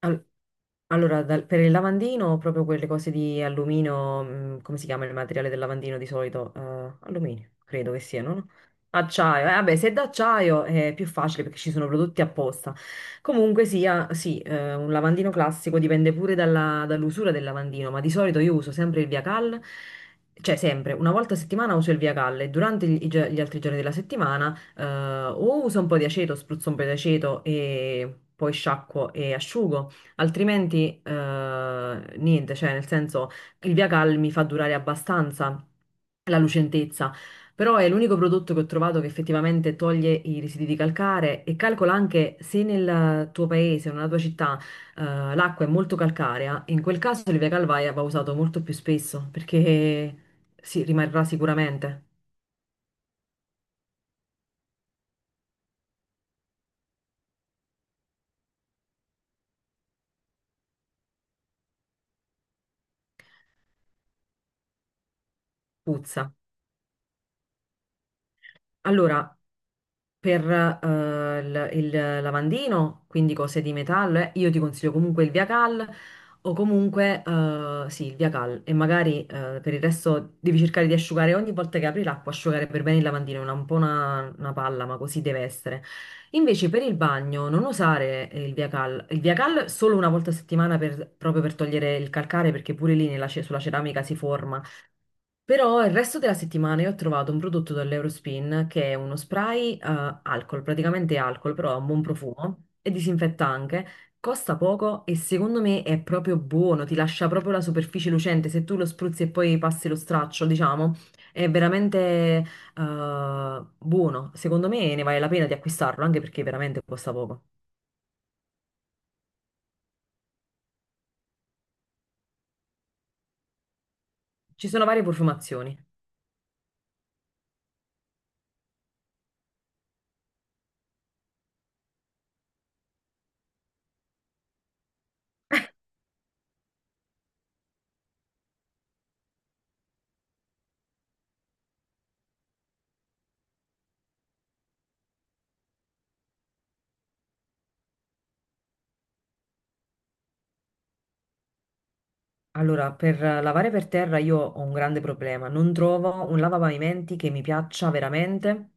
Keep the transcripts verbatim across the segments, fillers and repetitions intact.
Al- Allora, dal- per il lavandino, proprio quelle cose di alluminio, mm, come si chiama il materiale del lavandino di solito? Eh, alluminio, credo che siano, no? Acciaio, eh, vabbè, se è d'acciaio è più facile perché ci sono prodotti apposta. Comunque sia, sì, eh, un lavandino classico dipende pure dalla- dall'usura del lavandino, ma di solito io uso sempre il Via Cal, cioè sempre, una volta a settimana uso il Via Cal e durante gli, i gio- gli altri giorni della settimana eh, o uso un po' di aceto, spruzzo un po' di aceto e poi sciacquo e asciugo. Altrimenti, eh, niente, cioè nel senso il Via Cal mi fa durare abbastanza la lucentezza, però è l'unico prodotto che ho trovato che effettivamente toglie i residui di calcare e calcola anche se nel tuo paese o nella tua città eh, l'acqua è molto calcarea, in quel caso il Via Cal va va usato molto più spesso perché si rimarrà sicuramente, puzza. Allora, per eh, il, il lavandino, quindi cose di metallo, eh, io ti consiglio comunque il Via Cal o comunque eh, sì, il Via Cal e magari eh, per il resto devi cercare di asciugare ogni volta che apri l'acqua, asciugare per bene il lavandino, è una- un po' una, una palla, ma così deve essere. Invece per il bagno non usare il Via Cal, il Via Cal solo una volta a settimana per- proprio per togliere il calcare perché pure lì nella ce- sulla ceramica si forma. Però il resto della settimana io ho trovato un prodotto dall'Eurospin che è uno spray eh, alcol, praticamente alcol, però ha un buon profumo e disinfetta anche. Costa poco e secondo me è proprio buono, ti lascia proprio la superficie lucente. Se tu lo spruzzi e poi passi lo straccio, diciamo, è veramente eh, buono. Secondo me ne vale la pena di acquistarlo, anche perché veramente costa poco. Ci sono varie profumazioni. Allora, per eh, lavare per terra io ho un grande problema. Non trovo un lavapavimenti che mi piaccia veramente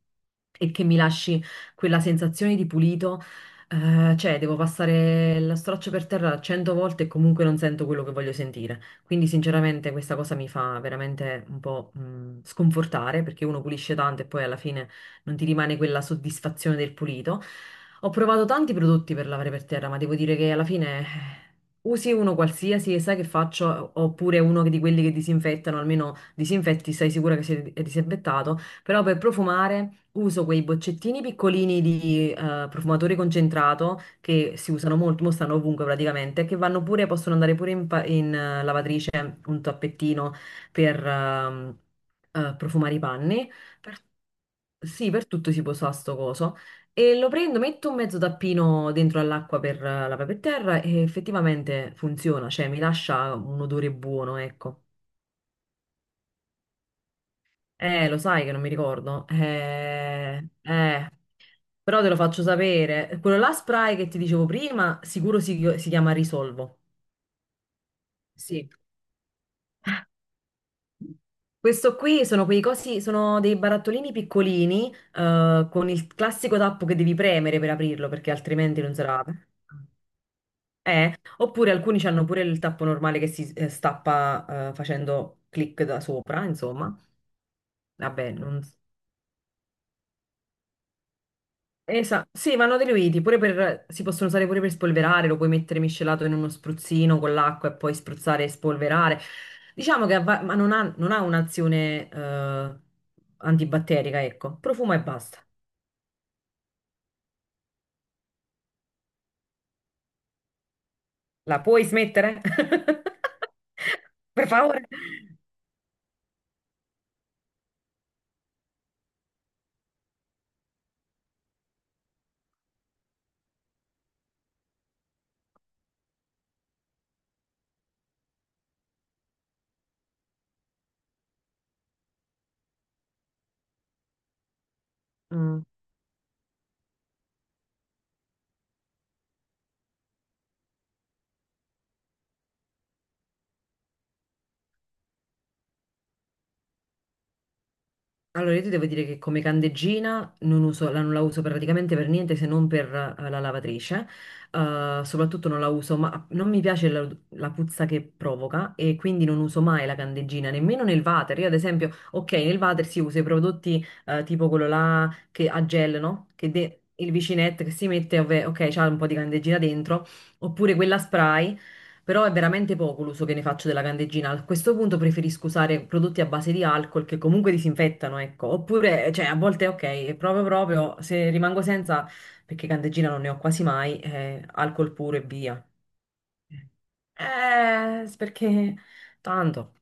e che mi lasci quella sensazione di pulito. Eh, cioè, devo passare la straccia per terra cento volte e comunque non sento quello che voglio sentire. Quindi, sinceramente, questa cosa mi fa veramente un po', mh, sconfortare perché uno pulisce tanto e poi alla fine non ti rimane quella soddisfazione del pulito. Ho provato tanti prodotti per lavare per terra, ma devo dire che alla fine usi uno qualsiasi e sai che faccio, oppure uno di quelli che disinfettano, almeno disinfetti, sei sicura che sia è disinfettato, però per profumare uso quei boccettini piccolini di eh, profumatore concentrato che si usano molto, mo stanno ovunque praticamente, che vanno pure, possono andare pure in, pa- in, eh, lavatrice, un tappettino per ehm, eh, profumare i panni. Per- sì, per tutto si può usare sto coso. E lo prendo, metto un mezzo tappino dentro all'acqua per eh, la per terra e effettivamente funziona, cioè mi lascia un odore buono, ecco. Eh, lo sai che non mi ricordo. Eh, eh, però te lo faccio sapere. Quello là spray che ti dicevo prima, sicuro si, si chiama Risolvo. Sì. Questo qui sono quei cosi, sono dei barattolini piccolini, eh, con il classico tappo che devi premere per aprirlo, perché altrimenti non sarà. Eh, oppure alcuni hanno pure il tappo normale che si eh, stappa eh, facendo clic da sopra, insomma. Vabbè, non... Esa- sì, vanno diluiti, pure per... si possono usare pure per spolverare, lo puoi mettere miscelato in uno spruzzino con l'acqua e poi spruzzare e spolverare. Diciamo che avva- ma non ha, non ha un'azione eh, antibatterica, ecco. Profuma e basta. La puoi smettere? Per favore. Mm. Allora, io ti devo dire che come candeggina non uso- la, non la uso praticamente per niente se non per eh, la lavatrice. Eh, soprattutto non la uso, ma non mi piace la, la puzza che provoca e quindi non uso mai la candeggina, nemmeno nel water. Io, ad esempio, ok, nel water si usa i prodotti eh, tipo quello là che a gel, no? Che de- il vicinetto che si mette, ovve- ok, c'ha un po' di candeggina dentro, oppure quella spray. Però è veramente poco l'uso che ne faccio della candeggina. A questo punto preferisco usare prodotti a base di alcol che comunque disinfettano, ecco. Oppure, cioè, a volte ok, è proprio proprio se rimango senza, perché candeggina non ne ho quasi mai, eh, alcol puro e via. Eh, perché tanto.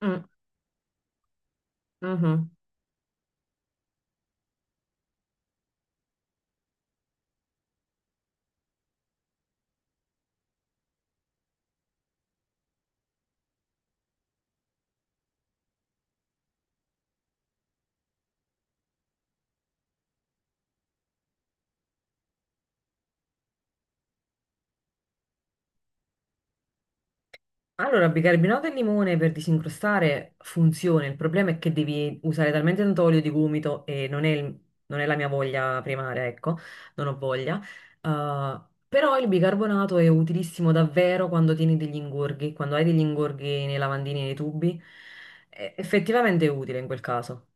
Mm, mhm. Allora, bicarbonato e limone per disincrostare funziona, il problema è che devi usare talmente tanto olio di gomito e non è, il- non è la mia voglia primaria, ecco, non ho voglia. Uh, Però il bicarbonato è utilissimo davvero quando tieni degli ingorghi, quando hai degli ingorghi nei lavandini e nei tubi, è effettivamente è utile in quel caso.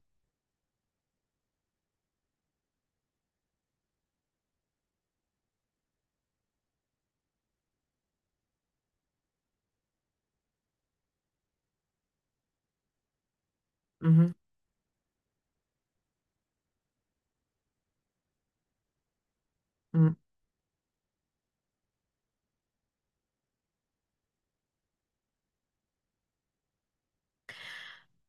Mhm, mm.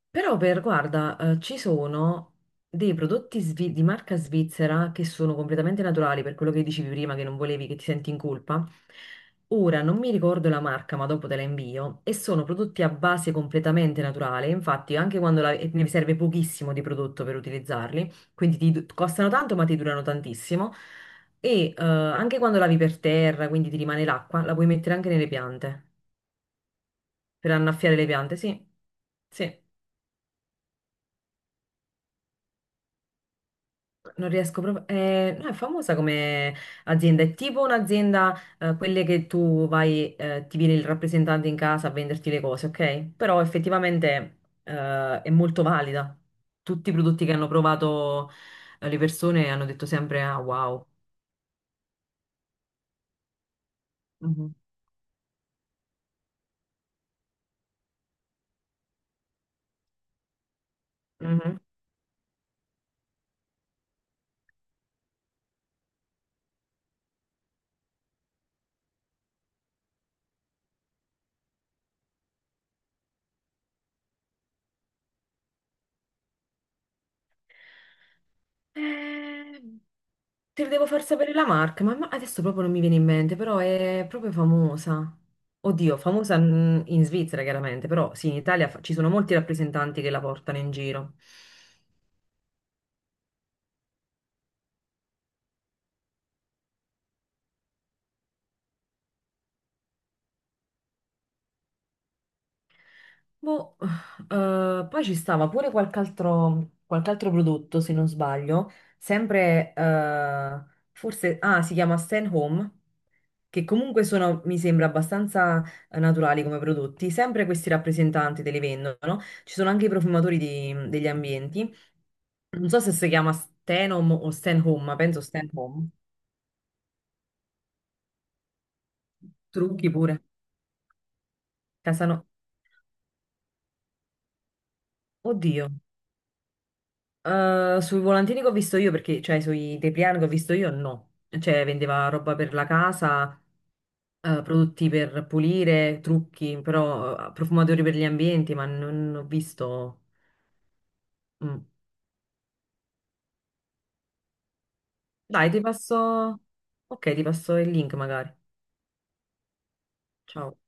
Però per, guarda, eh, ci sono dei prodotti svi- di marca svizzera che sono completamente naturali, per quello che dicevi prima, che non volevi che ti senti in colpa. Ora non mi ricordo la marca, ma dopo te la invio. E sono prodotti a base completamente naturale. Infatti, anche quando la- e ne serve pochissimo di prodotto per utilizzarli, quindi ti du- costano tanto, ma ti durano tantissimo. E eh, anche quando lavi per terra, quindi ti rimane l'acqua, la puoi mettere anche nelle piante per annaffiare le piante. Sì, sì. Non riesco proprio. Eh, no, è famosa come azienda, è tipo un'azienda, eh, quelle che tu vai, eh, ti viene il rappresentante in casa a venderti le cose, ok? Però effettivamente, eh, è molto valida. Tutti i prodotti che hanno provato, eh, le persone hanno detto sempre: Ah, wow. Mhm. Mhm. Eh, te devo far sapere la marca, ma ma adesso proprio non mi viene in mente, però è proprio famosa. Oddio, famosa mm, in Svizzera chiaramente, però sì, in Italia fa- ci sono molti rappresentanti che la portano in giro. Boh, eh, poi ci stava pure qualche altro, qualche altro prodotto, se non sbaglio, sempre, eh, forse, ah, si chiama Stan Home, che comunque sono, mi sembra, abbastanza eh, naturali come prodotti, sempre questi rappresentanti te li vendono, ci sono anche i profumatori di- degli ambienti, non so se si chiama Stenom o Stan Home, ma penso Stan Home, trucchi pure, Casano, oddio. Eh, sui volantini che ho visto io, perché, cioè sui tepliani che ho visto io, no. Cioè, vendeva roba per la casa, eh, prodotti per pulire, trucchi, però eh, profumatori per gli ambienti, ma non ho visto. Mm. Dai, ti passo. Ok, ti passo il link magari. Ciao.